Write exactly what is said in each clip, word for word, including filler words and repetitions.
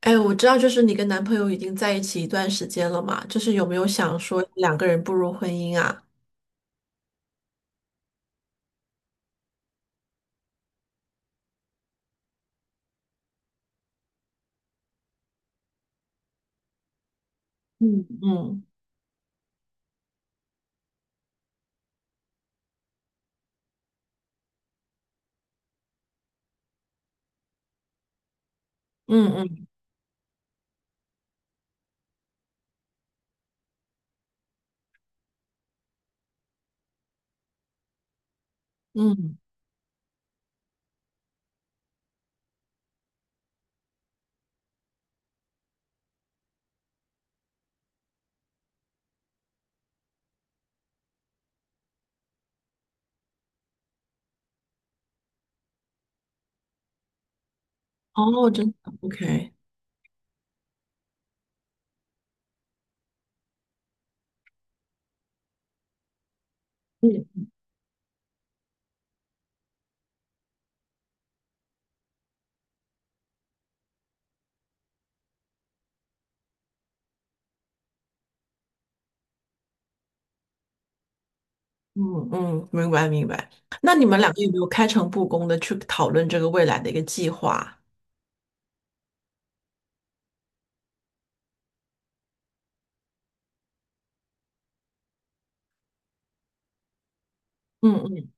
哎，我知道，就是你跟男朋友已经在一起一段时间了嘛，就是有没有想说两个人步入婚姻啊？嗯嗯嗯嗯嗯，哦，真的，OK，嗯嗯嗯，明白明白。那你们两个有没有开诚布公的去讨论这个未来的一个计划？嗯嗯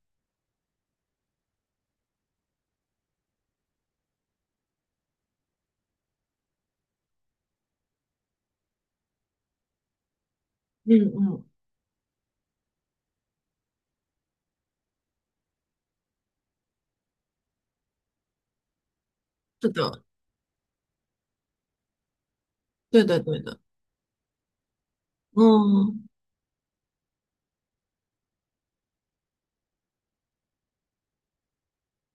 嗯嗯，是的，对的对的，嗯，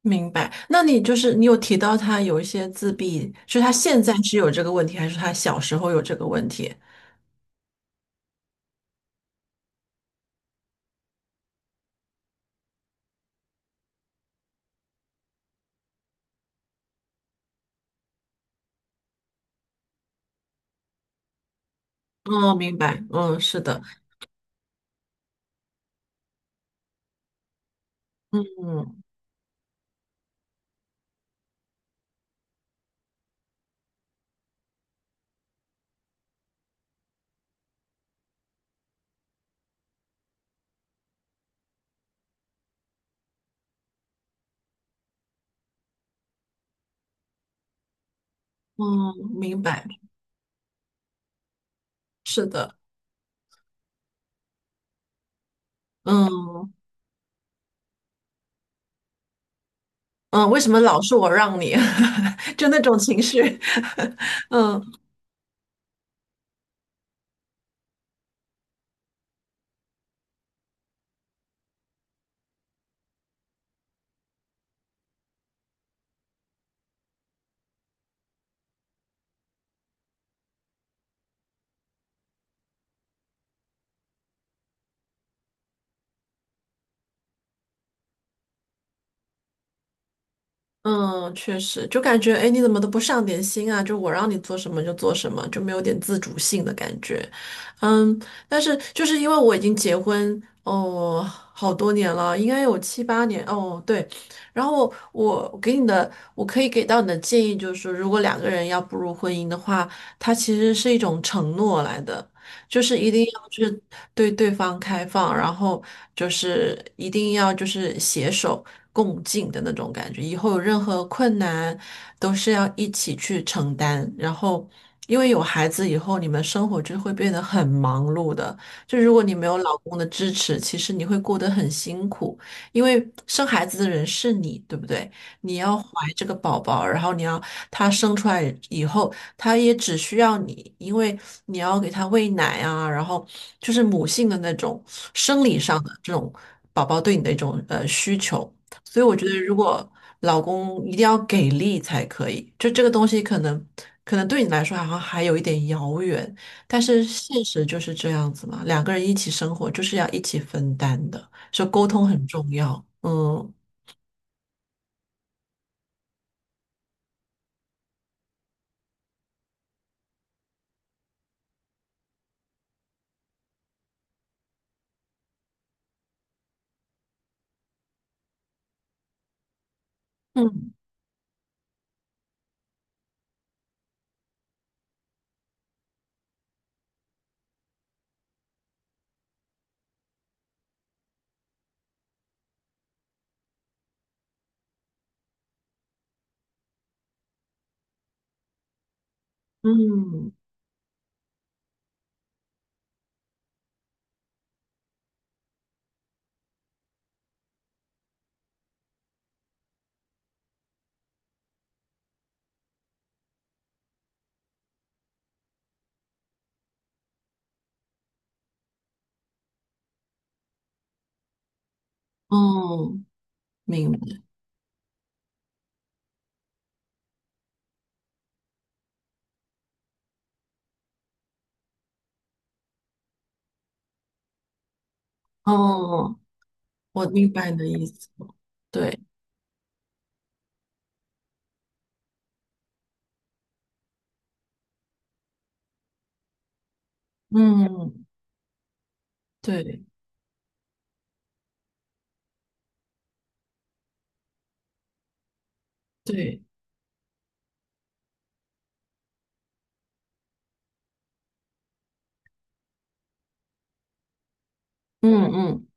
明白。那你就是你有提到他有一些自闭，是他现在是有这个问题，还是他小时候有这个问题？哦，明白，嗯，是的。嗯嗯，明白，是的，嗯嗯，为什么老是我让你？就那种情绪，嗯嗯，确实，就感觉哎，诶你怎么都不上点心啊？就我让你做什么就做什么，就没有点自主性的感觉。嗯，但是就是因为我已经结婚哦，好多年了，应该有七八年哦，对。然后我我给你的，我可以给到你的建议就是说，如果两个人要步入婚姻的话，它其实是一种承诺来的。就是一定要去对对方开放，然后就是一定要就是携手共进的那种感觉。以后有任何困难，都是要一起去承担。然后，因为有孩子以后，你们生活就会变得很忙碌的。就如果你没有老公的支持，其实你会过得很辛苦，因为生孩子的人是你，对不对？你要怀这个宝宝，然后你要他生出来以后，他也只需要你，因为你要给他喂奶啊，然后就是母性的那种生理上的这种宝宝对你的一种呃需求。所以我觉得，如果老公一定要给力才可以，就这个东西可能可能对你来说好像还有一点遥远，但是现实就是这样子嘛，两个人一起生活就是要一起分担的，所以沟通很重要。嗯嗯嗯嗯，明白。哦，我明白你的意思。对，嗯，对，对，嗯嗯。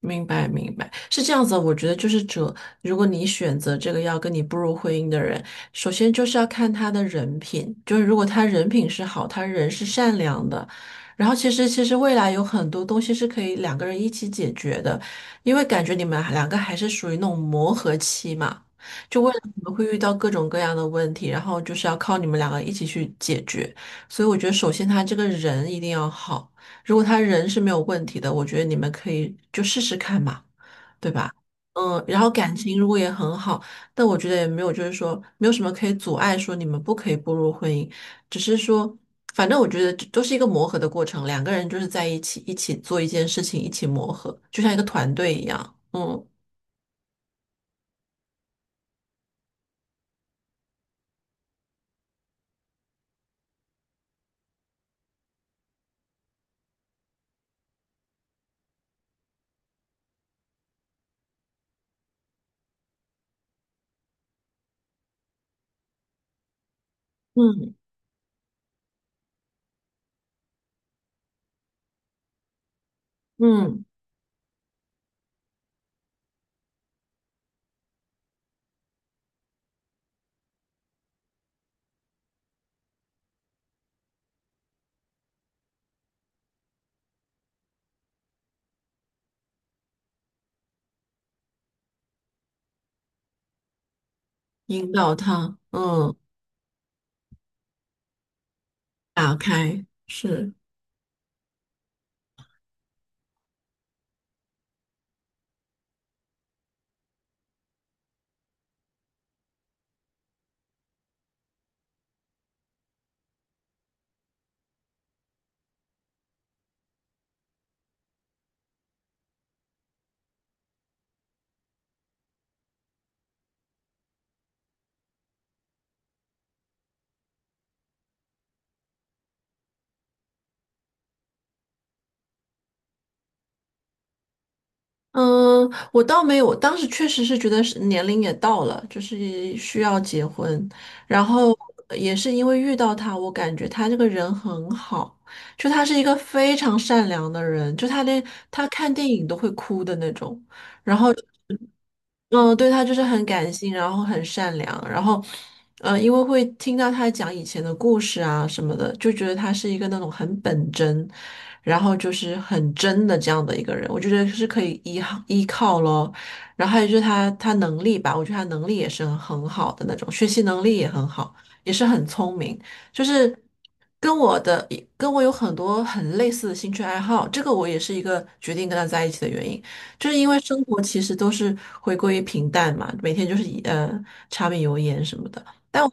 明白，明白，是这样子的我觉得就是这，如果你选择这个要跟你步入婚姻的人，首先就是要看他的人品，就是如果他人品是好，他人是善良的，然后其实其实未来有很多东西是可以两个人一起解决的，因为感觉你们两个还是属于那种磨合期嘛，就未来你们会遇到各种各样的问题，然后就是要靠你们两个一起去解决。所以我觉得，首先他这个人一定要好。如果他人是没有问题的，我觉得你们可以就试试看嘛，对吧？嗯，然后感情如果也很好，但我觉得也没有，就是说没有什么可以阻碍说你们不可以步入婚姻，只是说，反正我觉得这都是一个磨合的过程，两个人就是在一起一起做一件事情，一起磨合，就像一个团队一样。嗯嗯嗯，引导他，嗯，打开，是。嗯，我倒没有，当时确实是觉得是年龄也到了，就是需要结婚。然后也是因为遇到他，我感觉他这个人很好，就他是一个非常善良的人，就他连他看电影都会哭的那种。然后嗯，对，他就是很感性，然后很善良，然后，嗯，因为会听到他讲以前的故事啊什么的，就觉得他是一个那种很本真，然后就是很真的这样的一个人，我就觉得是可以依靠依靠咯。然后还有就是他他能力吧，我觉得他能力也是很很好的那种，学习能力也很好，也是很聪明，就是跟我的跟我有很多很类似的兴趣爱好，这个我也是一个决定跟他在一起的原因。就是因为生活其实都是回归于平淡嘛，每天就是以呃柴米油盐什么的。但我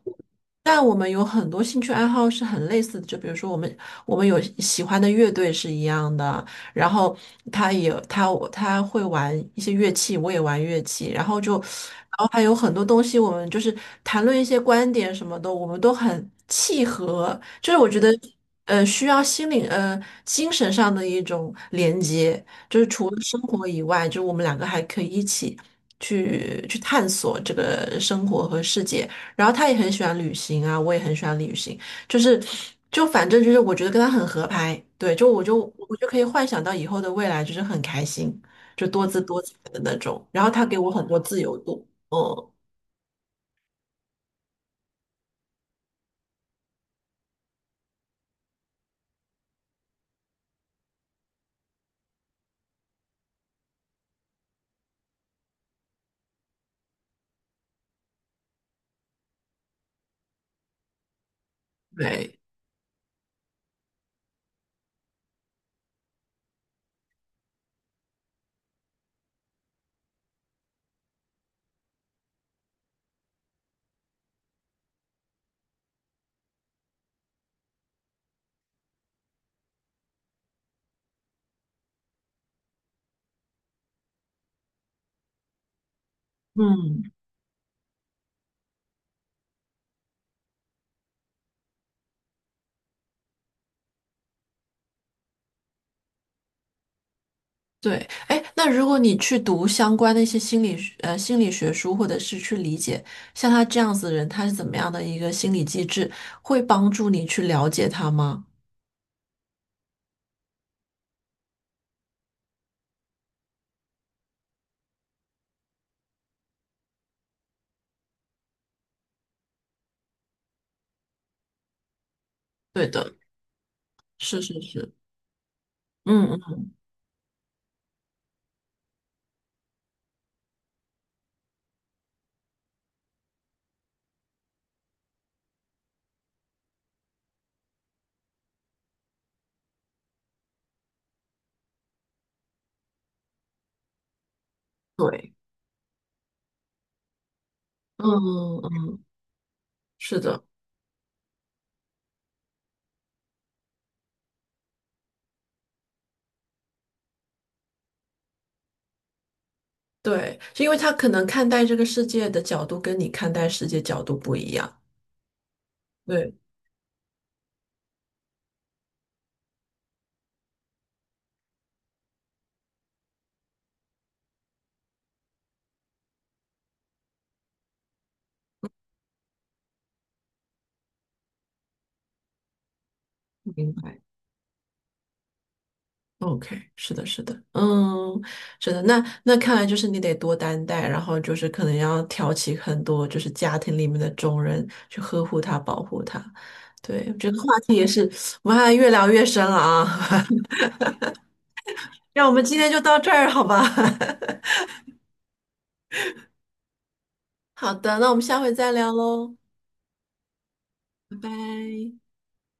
但我们有很多兴趣爱好是很类似的，就比如说我们我们有喜欢的乐队是一样的，然后他也他他会玩一些乐器，我也玩乐器，然后就然后还有很多东西，我们就是谈论一些观点什么的，我们都很契合，就是我觉得。呃，需要心灵呃精神上的一种连接，就是除了生活以外，就是我们两个还可以一起去去探索这个生活和世界。然后他也很喜欢旅行啊，我也很喜欢旅行，就是就反正就是我觉得跟他很合拍，对，就我就我就可以幻想到以后的未来就是很开心，就多姿多彩的那种。然后他给我很多自由度，嗯，对，嗯。对，哎，那如果你去读相关的一些心理学呃心理学书，或者是去理解像他这样子的人，他是怎么样的一个心理机制，会帮助你去了解他吗？对的，是是是，嗯嗯，对，嗯嗯，嗯是的，对，是因为他可能看待这个世界的角度跟你看待世界角度不一样。对，明白。OK，是的，是的，嗯，是的，那那看来就是你得多担待，然后就是可能要挑起很多就是家庭里面的重任去呵护他、保护他。对，这个话题我们还越聊越深了啊，那我们今天就到这儿，好吧？好的，那我们下回再聊喽，拜拜。